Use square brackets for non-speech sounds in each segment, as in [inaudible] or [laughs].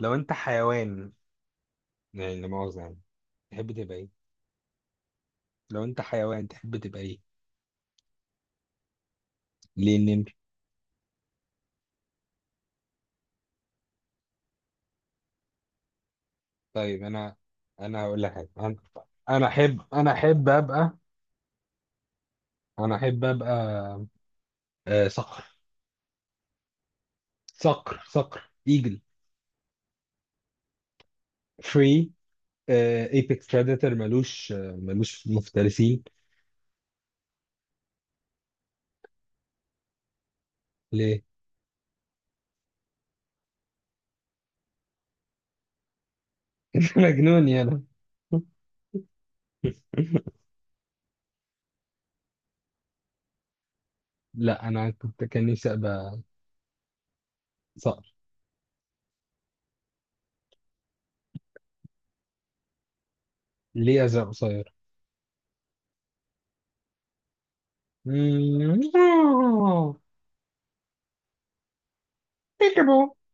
لو انت حيوان يعني لا مؤاخذة يعني تحب تبقى ايه؟ لو انت حيوان تحب تبقى ايه؟ ليه النمر؟ طيب انا هقول لك حاجة. انا أنا احب ابقى. انا احب ابقى آه، صقر. صقر ايجل. فري. ايبكس بريدتور ملوش مفترسين. ليه؟ [laughs] مجنون يا انا [laughs] لا انا كان نفسي ابقى صقر. ليه ازرق قصير؟ [laughs]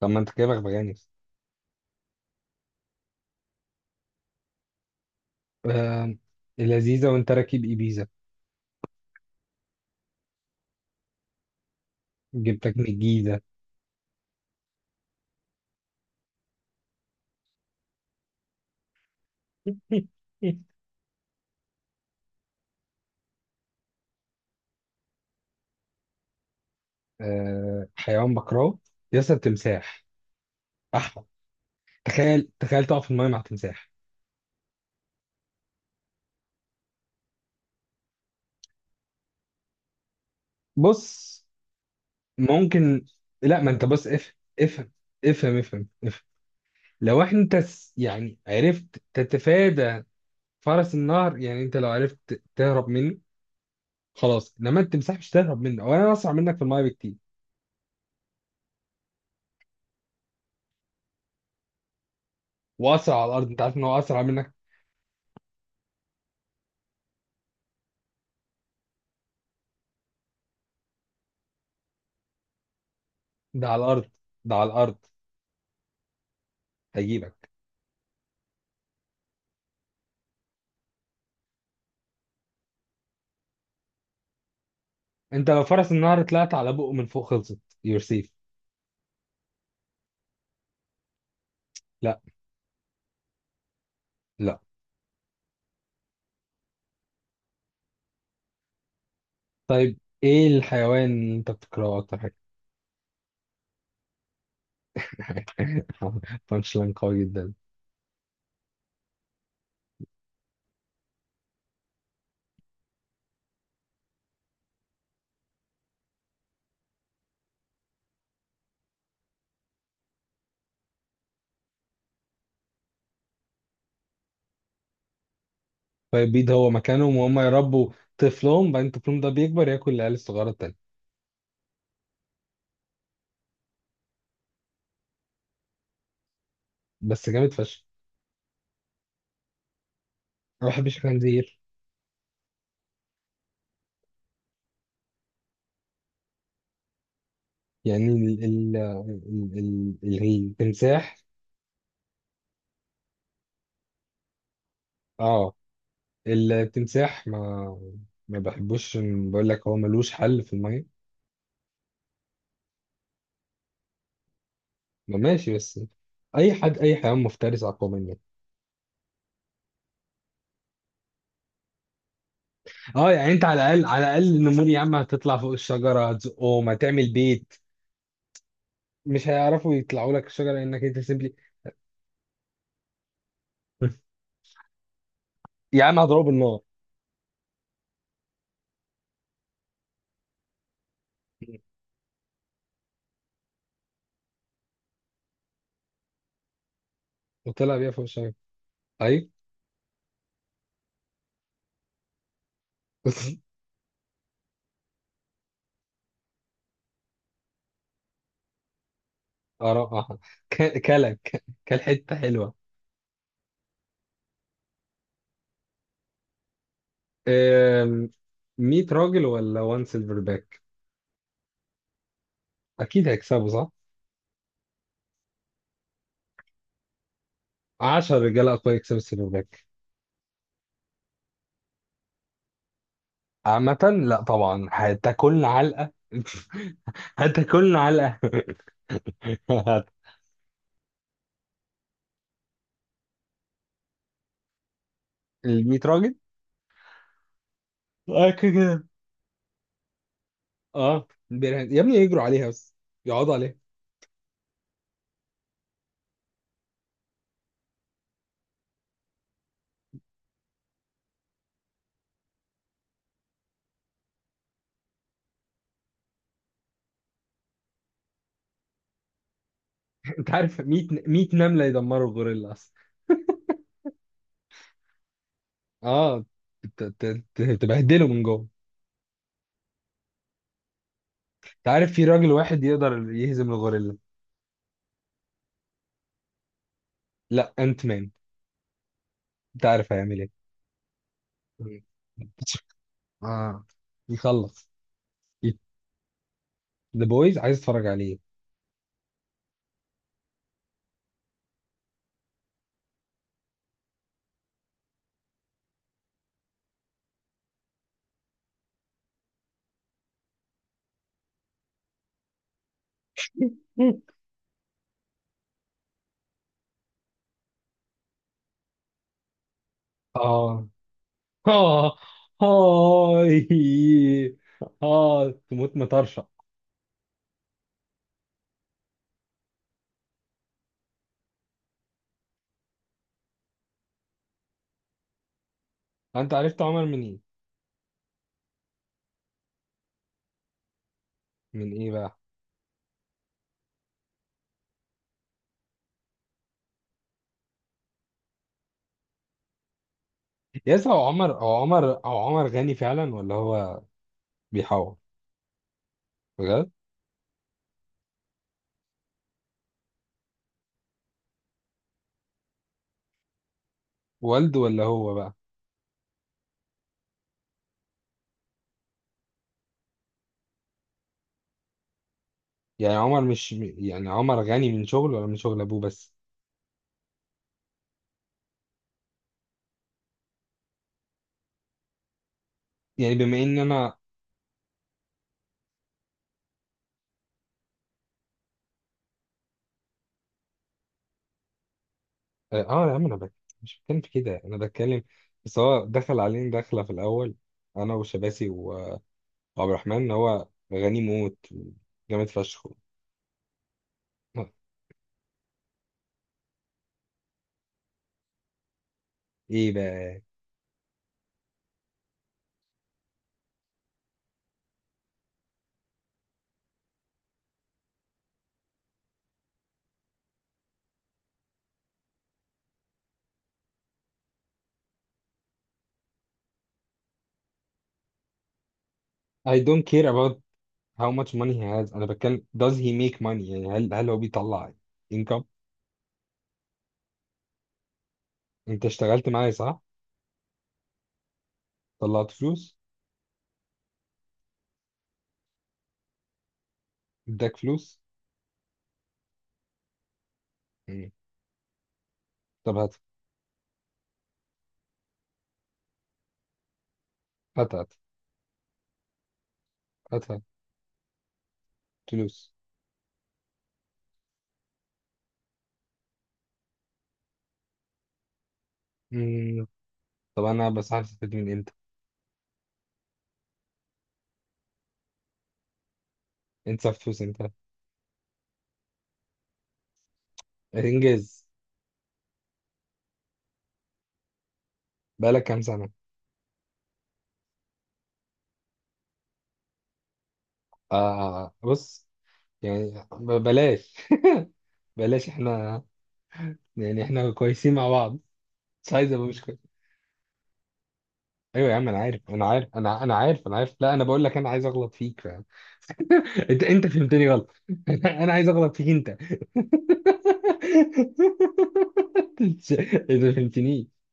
طب ما انت كده بغبغانس. آه، لذيذة وانت راكب ايبيزا. جبتك من الجيزة. [laughs] آه، حيوان بكرهه. ياسر تمساح. احمد. تخيل تخيل تقف في المايه مع تمساح. بص. ممكن. لا، ما انت بص، افهم افهم افهم افهم افهم. لو انت يعني عرفت تتفادى فرس النهر، يعني انت لو عرفت تهرب منه خلاص، انما التمساح مش تهرب منه وانا اسرع منك في المايه بكتير. واسرع على الارض، انت عارف ان هو اسرع منك. ده على الارض، ده على الارض. هيجيبك. انت لو فرس النهر طلعت على بقه من فوق خلصت. يور سيف. لا، لا. طيب، ايه الحيوان اللي انت بتكرهه اكتر حاجه؟ [laughs] بانش لاين قوي جدا. طيب بيض هو مكانهم وهم يربوا طفلهم، بعدين طفلهم ده بيكبر ياكل العيال الصغيره التانيه. بس جامد فشخ. انا ما بحبش الخنزير. يعني ال التمساح. اه، التمساح ما بحبوش، بقول لك هو ملوش حل في الميه. ما ماشي، بس اي حيوان مفترس اقوى منك. اه يعني انت على الاقل على الاقل نمور، يا عم هتطلع فوق الشجره، هتزقهم، هتعمل بيت. مش هيعرفوا يطلعوا لك الشجره لانك انت سيبلي. [laughs] يا عم هضربه بالنار. وطلع بيها فوق الشجره. اي. [laughs] اه، كلك كان حته حلوه. أم، 100 راجل ولا 1 سيلفر باك؟ اكيد هيكسبوا، صح؟ 10 رجاله اقوياء يكسبوا السيلفر باك. عامه، لا طبعا هتاكلنا علقه. [laughs] هتاكلنا علقه [laughs] ال 100 راجل، أكيد. اه، بيرهن يا ابني يجروا عليها بس، يقعدوا عليها. [laughs] انت عارف 100 100 نمله يدمروا الغوريلا اصلا. اه، تبهدله من جوه. انت عارف في راجل واحد يقدر يهزم الغوريلا؟ لا، انت مان. انت عارف هيعمل ايه؟ [laughs] مم. اه، يخلص. ذا بويز عايز اتفرج عليه. مم. اه، اه، هاي، اه تموت مطرشه. انت عرفت عمر من ايه؟ من ايه بقى؟ يا هو عمر غني فعلا ولا هو بيحور؟ بجد؟ والده ولا هو بقى؟ يعني عمر مش، يعني عمر غني من شغل ولا من شغل ابوه بس؟ يعني بما ان انا، اه، يا عم انا بك... مش بتكلم في كده، انا بتكلم بس هو دخل علينا دخله في الاول، انا وشباسي وعبد الرحمن ان هو غني موت، جامد فشخ. ايه بقى؟ I don't care about how much money he has، انا بتكلم does he make money، يعني هل هو بيطلع income؟ انت اشتغلت معايا، صح؟ طلعت فلوس؟ اداك فلوس؟ مم. طب هات. هات هات. هاتها فلوس. مم. طب انا بس عارف استفيد من امتى؟ انت صرف فلوس امتى؟ انجاز. بقالك كام سنه؟ آه بص، يعني بلاش. [laughs] بلاش، احنا يعني احنا كويسين مع بعض، مش عايز ابقى مش كويس. ايوه يا عم انا عارف انا عارف انا عارف انا عارف، لا انا بقول لك انا عايز اغلط فيك، فاهم؟ [laughs] انت فهمتني غلط. [laughs] انا عايز اغلط فيك انت [laughs] انت ما فهمتنيش.